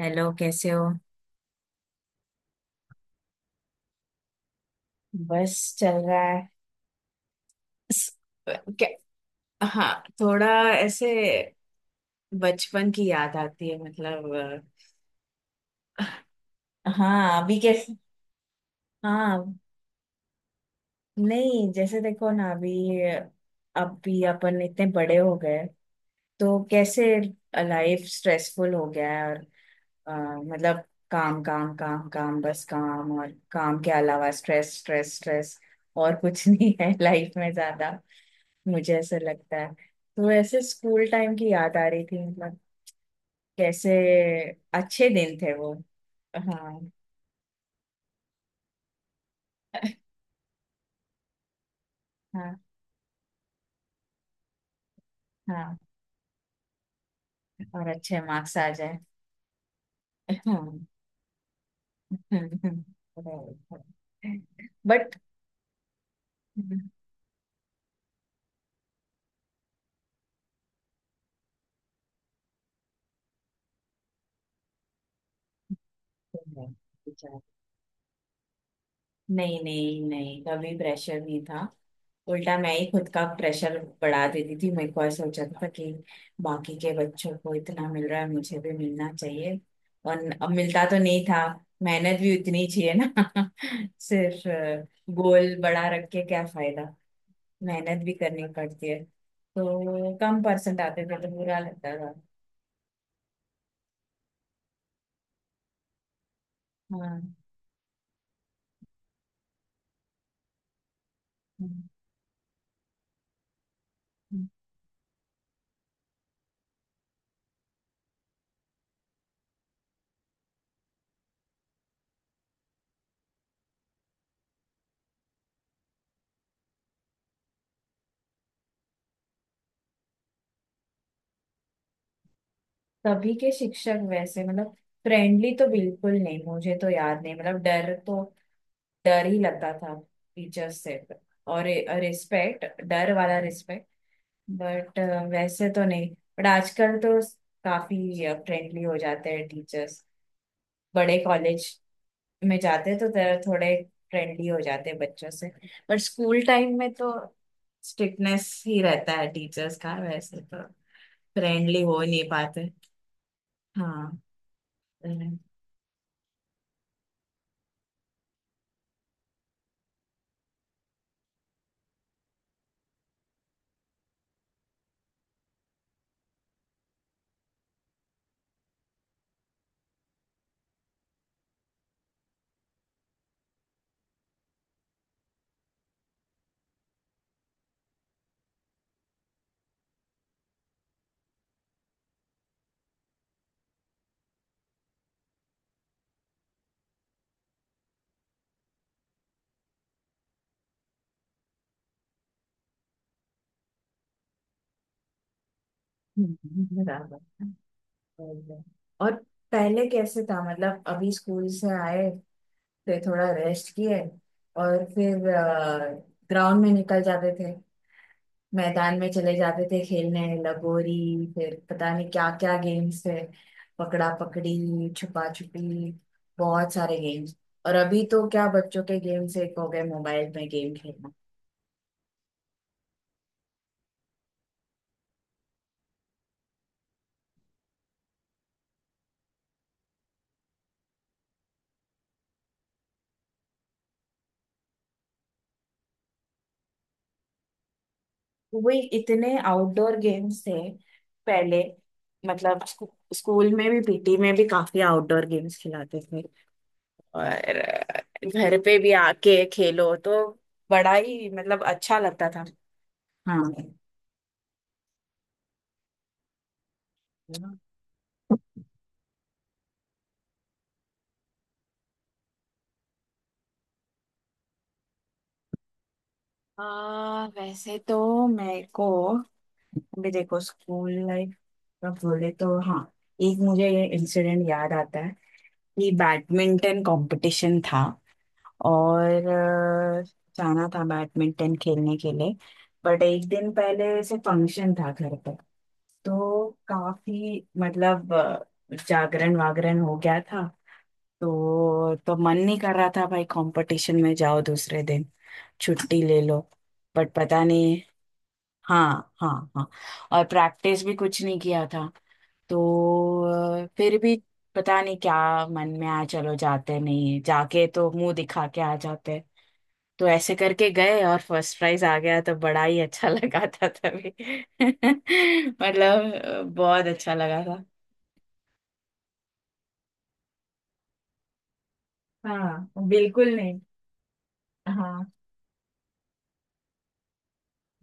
Hello, कैसे हो। बस चल रहा है। स- क्या- हाँ, थोड़ा ऐसे। बचपन की याद आती है मतलब। हाँ, अभी कैसे। हाँ। नहीं, जैसे देखो ना, अभी अभी अपन इतने बड़े हो गए, तो कैसे। लाइफ स्ट्रेसफुल हो गया है, और अ, मतलब, काम काम काम काम, बस काम, और काम के अलावा स्ट्रेस स्ट्रेस स्ट्रेस। और कुछ नहीं है लाइफ में ज्यादा, मुझे ऐसा लगता है। तो वैसे स्कूल टाइम की याद आ रही थी मतलब, कैसे अच्छे दिन थे वो। हाँ हाँ। हाँ। और अच्छे मार्क्स आ जाए, हाँ। हाँ, हाँ, हाँ। बट, नहीं नहीं नहीं, कभी प्रेशर नहीं था। उल्टा मैं ही खुद का प्रेशर बढ़ा देती थी। मेरे को ऐसा हो जाता था कि बाकी के बच्चों को इतना मिल रहा है, मुझे भी मिलना चाहिए। और अब मिलता तो नहीं था। मेहनत भी उतनी ही चाहिए ना। सिर्फ गोल बड़ा रख के क्या फायदा। मेहनत भी करनी पड़ती है, तो कम परसेंट आते थे तो बुरा लगता था। हाँ। हम्म। तभी के शिक्षक वैसे मतलब, फ्रेंडली तो बिल्कुल नहीं। मुझे तो याद नहीं मतलब, डर तो, डर ही लगता था टीचर्स से। और रिस्पेक्ट, डर वाला रिस्पेक्ट। बट वैसे तो नहीं। बट आजकल तो काफी फ्रेंडली हो जाते हैं टीचर्स। बड़े कॉलेज में जाते हैं तो थोड़े फ्रेंडली हो जाते हैं बच्चों से। बट स्कूल टाइम में तो स्ट्रिक्टनेस ही रहता है टीचर्स का, वैसे तो फ्रेंडली हो नहीं पाते। हाँ। हम्म, बराबर। और और पहले कैसे था मतलब, अभी स्कूल से आए थे, थोड़ा रेस्ट किए और फिर ग्राउंड में निकल जाते थे, मैदान में चले जाते थे खेलने, लगोरी, फिर पता नहीं क्या क्या गेम्स थे, पकड़ा पकड़ी, छुपा छुपी, बहुत सारे गेम्स। और अभी तो क्या, बच्चों के गेम्स एक हो गए, मोबाइल में गेम खेलना। वही, इतने आउटडोर गेम्स थे पहले मतलब, स्कूल में भी, पीटी में भी काफी आउटडोर गेम्स खिलाते थे। और घर पे भी आके खेलो तो बड़ा ही मतलब अच्छा लगता था। हाँ। वैसे तो मेरे को, अभी देखो स्कूल लाइफ का बोले तो हाँ, एक मुझे ये इंसिडेंट याद आता है कि बैडमिंटन कंपटीशन था, और जाना था बैडमिंटन खेलने के लिए। बट एक दिन पहले से फंक्शन था घर पर, तो काफी मतलब जागरण वागरण हो गया था। तो मन नहीं कर रहा था, भाई कंपटीशन में जाओ दूसरे दिन, छुट्टी ले लो। बट पता नहीं, हाँ हाँ हाँ, और प्रैक्टिस भी कुछ नहीं किया था, तो फिर भी पता नहीं क्या मन में आया, चलो जाते नहीं है, जाके तो मुंह दिखा के आ जाते। तो ऐसे करके गए और फर्स्ट प्राइज आ गया, तो बड़ा ही अच्छा लगा था तभी। मतलब बहुत अच्छा लगा था। हाँ बिल्कुल नहीं। हाँ।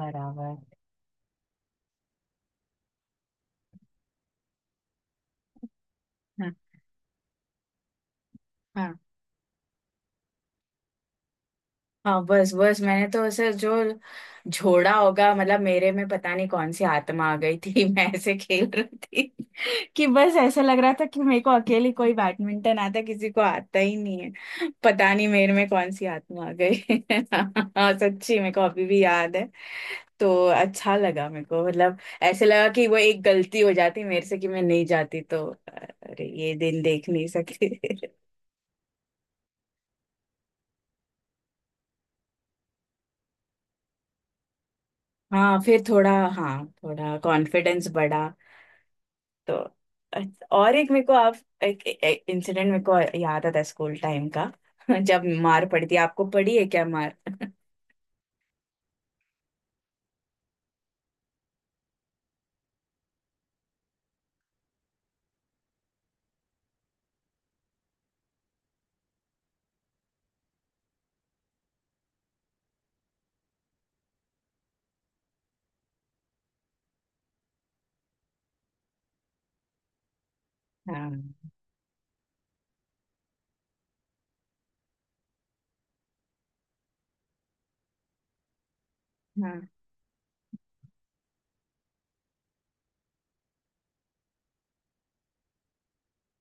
बराबर। हाँ। हाँ। हाँ, बस बस मैंने तो ऐसे जो झोड़ा होगा मतलब, मेरे में पता नहीं कौन सी आत्मा आ गई थी। मैं ऐसे खेल रही थी कि बस ऐसा लग रहा था कि मेरे को अकेली कोई, बैडमिंटन आता किसी को आता ही नहीं है। पता नहीं मेरे में कौन सी आत्मा आ गई। हाँ सच्ची, मेरे को अभी भी याद है। तो अच्छा लगा मेरे को मतलब, ऐसे लगा कि वो एक गलती हो जाती मेरे से कि मैं नहीं जाती तो अरे ये दिन देख नहीं सकती। हाँ फिर थोड़ा, हाँ, थोड़ा कॉन्फिडेंस बढ़ा। तो अच्छा, और एक मेरे को आप एक, इंसिडेंट मेरे को याद आता है स्कूल टाइम का। जब मार पड़ती है, आपको पड़ी है क्या मार। हाँ। हाँ,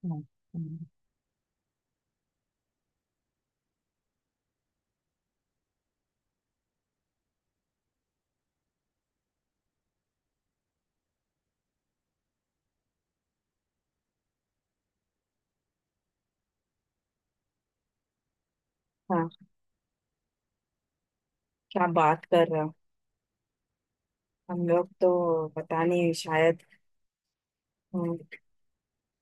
हाँ, हाँ। हाँ। क्या बात कर रहे हो। हम लोग तो पता नहीं शायद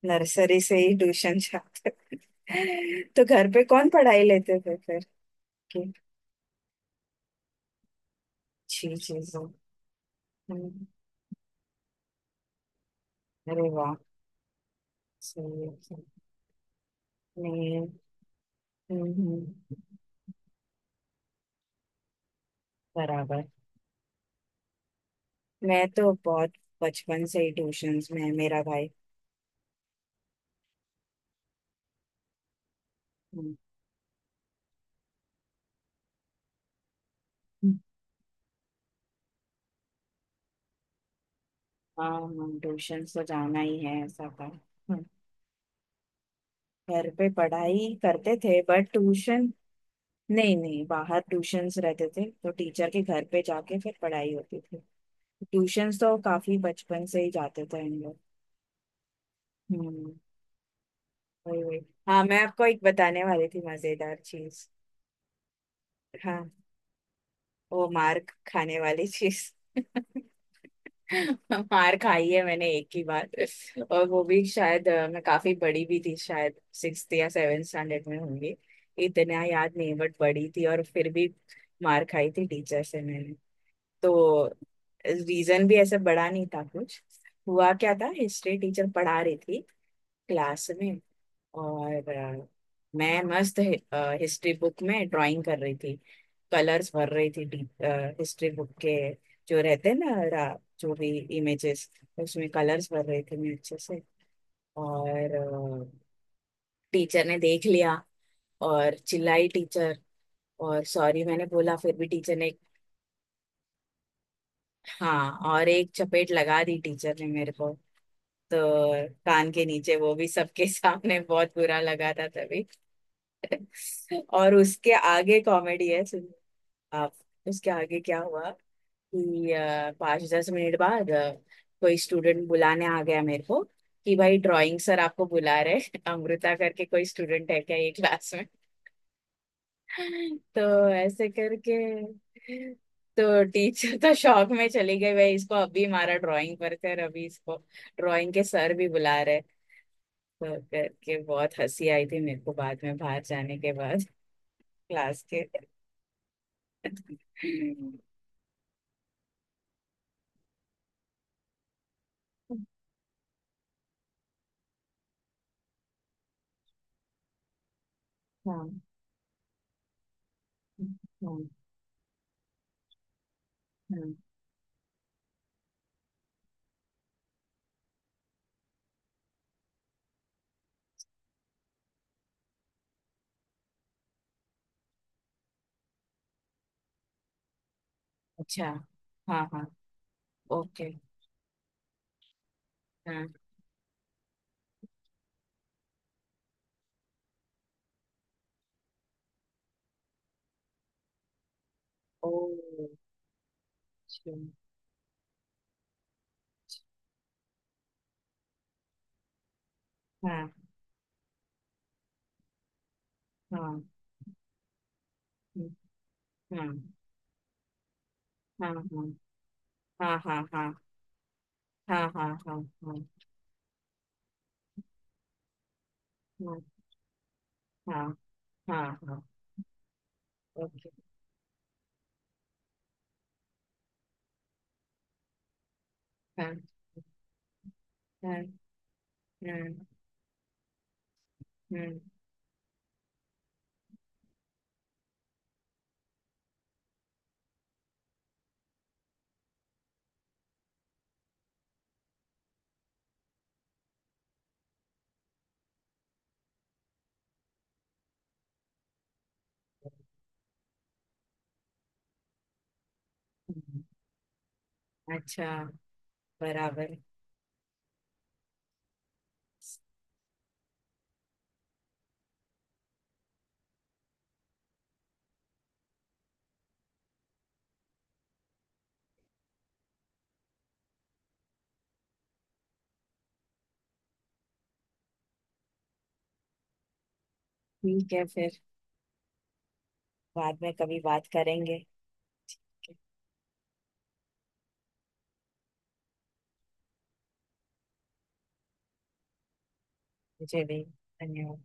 नर्सरी से ही ट्यूशन जाते थे। तो घर पे कौन पढ़ाई लेते थे फिर की। अच्छी चीज है। हम्म, अरे वाह। सही है, सही। है। नहीं। हम्म हम्म, बराबर। मैं तो बहुत बचपन से ही ट्यूशन में है मेरा भाई। हम्म। हाँ, हम ट्यूशन तो जाना ही है, ऐसा था। हम्म। घर पे पढ़ाई करते थे बट ट्यूशन, नहीं नहीं, बाहर ट्यूशंस रहते थे, तो टीचर के घर पे जाके फिर पढ़ाई होती थी। ट्यूशंस तो काफी बचपन से ही जाते थे हम लोग। हम्म, वही वही। हाँ, मैं आपको एक बताने वाली थी, मजेदार चीज। हाँ, वो मार खाने वाली चीज। मार खाई है मैंने एक ही बार, और वो भी शायद मैं काफी बड़ी भी थी शायद, सिक्स्थ या सेवेंथ स्टैंडर्ड में होंगी, इतना याद नहीं। बट बड़ी थी और फिर भी मार खाई थी टीचर से मैंने। तो रीजन भी ऐसा बड़ा नहीं था कुछ। हुआ क्या था, हिस्ट्री टीचर पढ़ा रही थी क्लास में, और मैं मस्त हिस्ट्री बुक में ड्राइंग कर रही थी, कलर्स भर रही थी। हिस्ट्री बुक के जो रहते हैं ना, जो भी इमेजेस, उसमें कलर्स भर रही थी मैं अच्छे से। और टीचर ने देख लिया, और चिल्लाई टीचर, और सॉरी मैंने बोला, फिर भी टीचर ने, हाँ, और एक चपेट लगा दी टीचर ने मेरे को। तो कान के नीचे, वो भी सबके सामने, बहुत बुरा लगा था तभी। और उसके आगे कॉमेडी है। आप उसके आगे क्या हुआ कि 5-10 मिनट बाद कोई स्टूडेंट बुलाने आ गया मेरे को कि भाई ड्राइंग सर आपको बुला रहे हैं। अमृता करके कोई स्टूडेंट है क्या ये क्लास में। तो ऐसे करके तो टीचर तो शौक में चली गई, भाई इसको अभी हमारा ड्राइंग पर कर अभी, इसको ड्राइंग के सर भी बुला रहे। तो करके बहुत हंसी आई थी मेरे को बाद में, बाहर जाने के बाद क्लास के। हाँ हाँ हाँ। अच्छा। हाँ हाँ। ओके। हाँ। ओ, अच्छा। हाँ हाँ। हम्म, हाँ हाँ हाँ हाँ हाँ हाँ हाँ हाँ हाँ हाँ हाँ हाँ हाँ हाँ। ओके। हाँ हाँ। हम्म हम्म हम्म, अच्छा, बराबर। ठीक है फिर, बाद में कभी बात करेंगे। मुझे भी। धन्यवाद।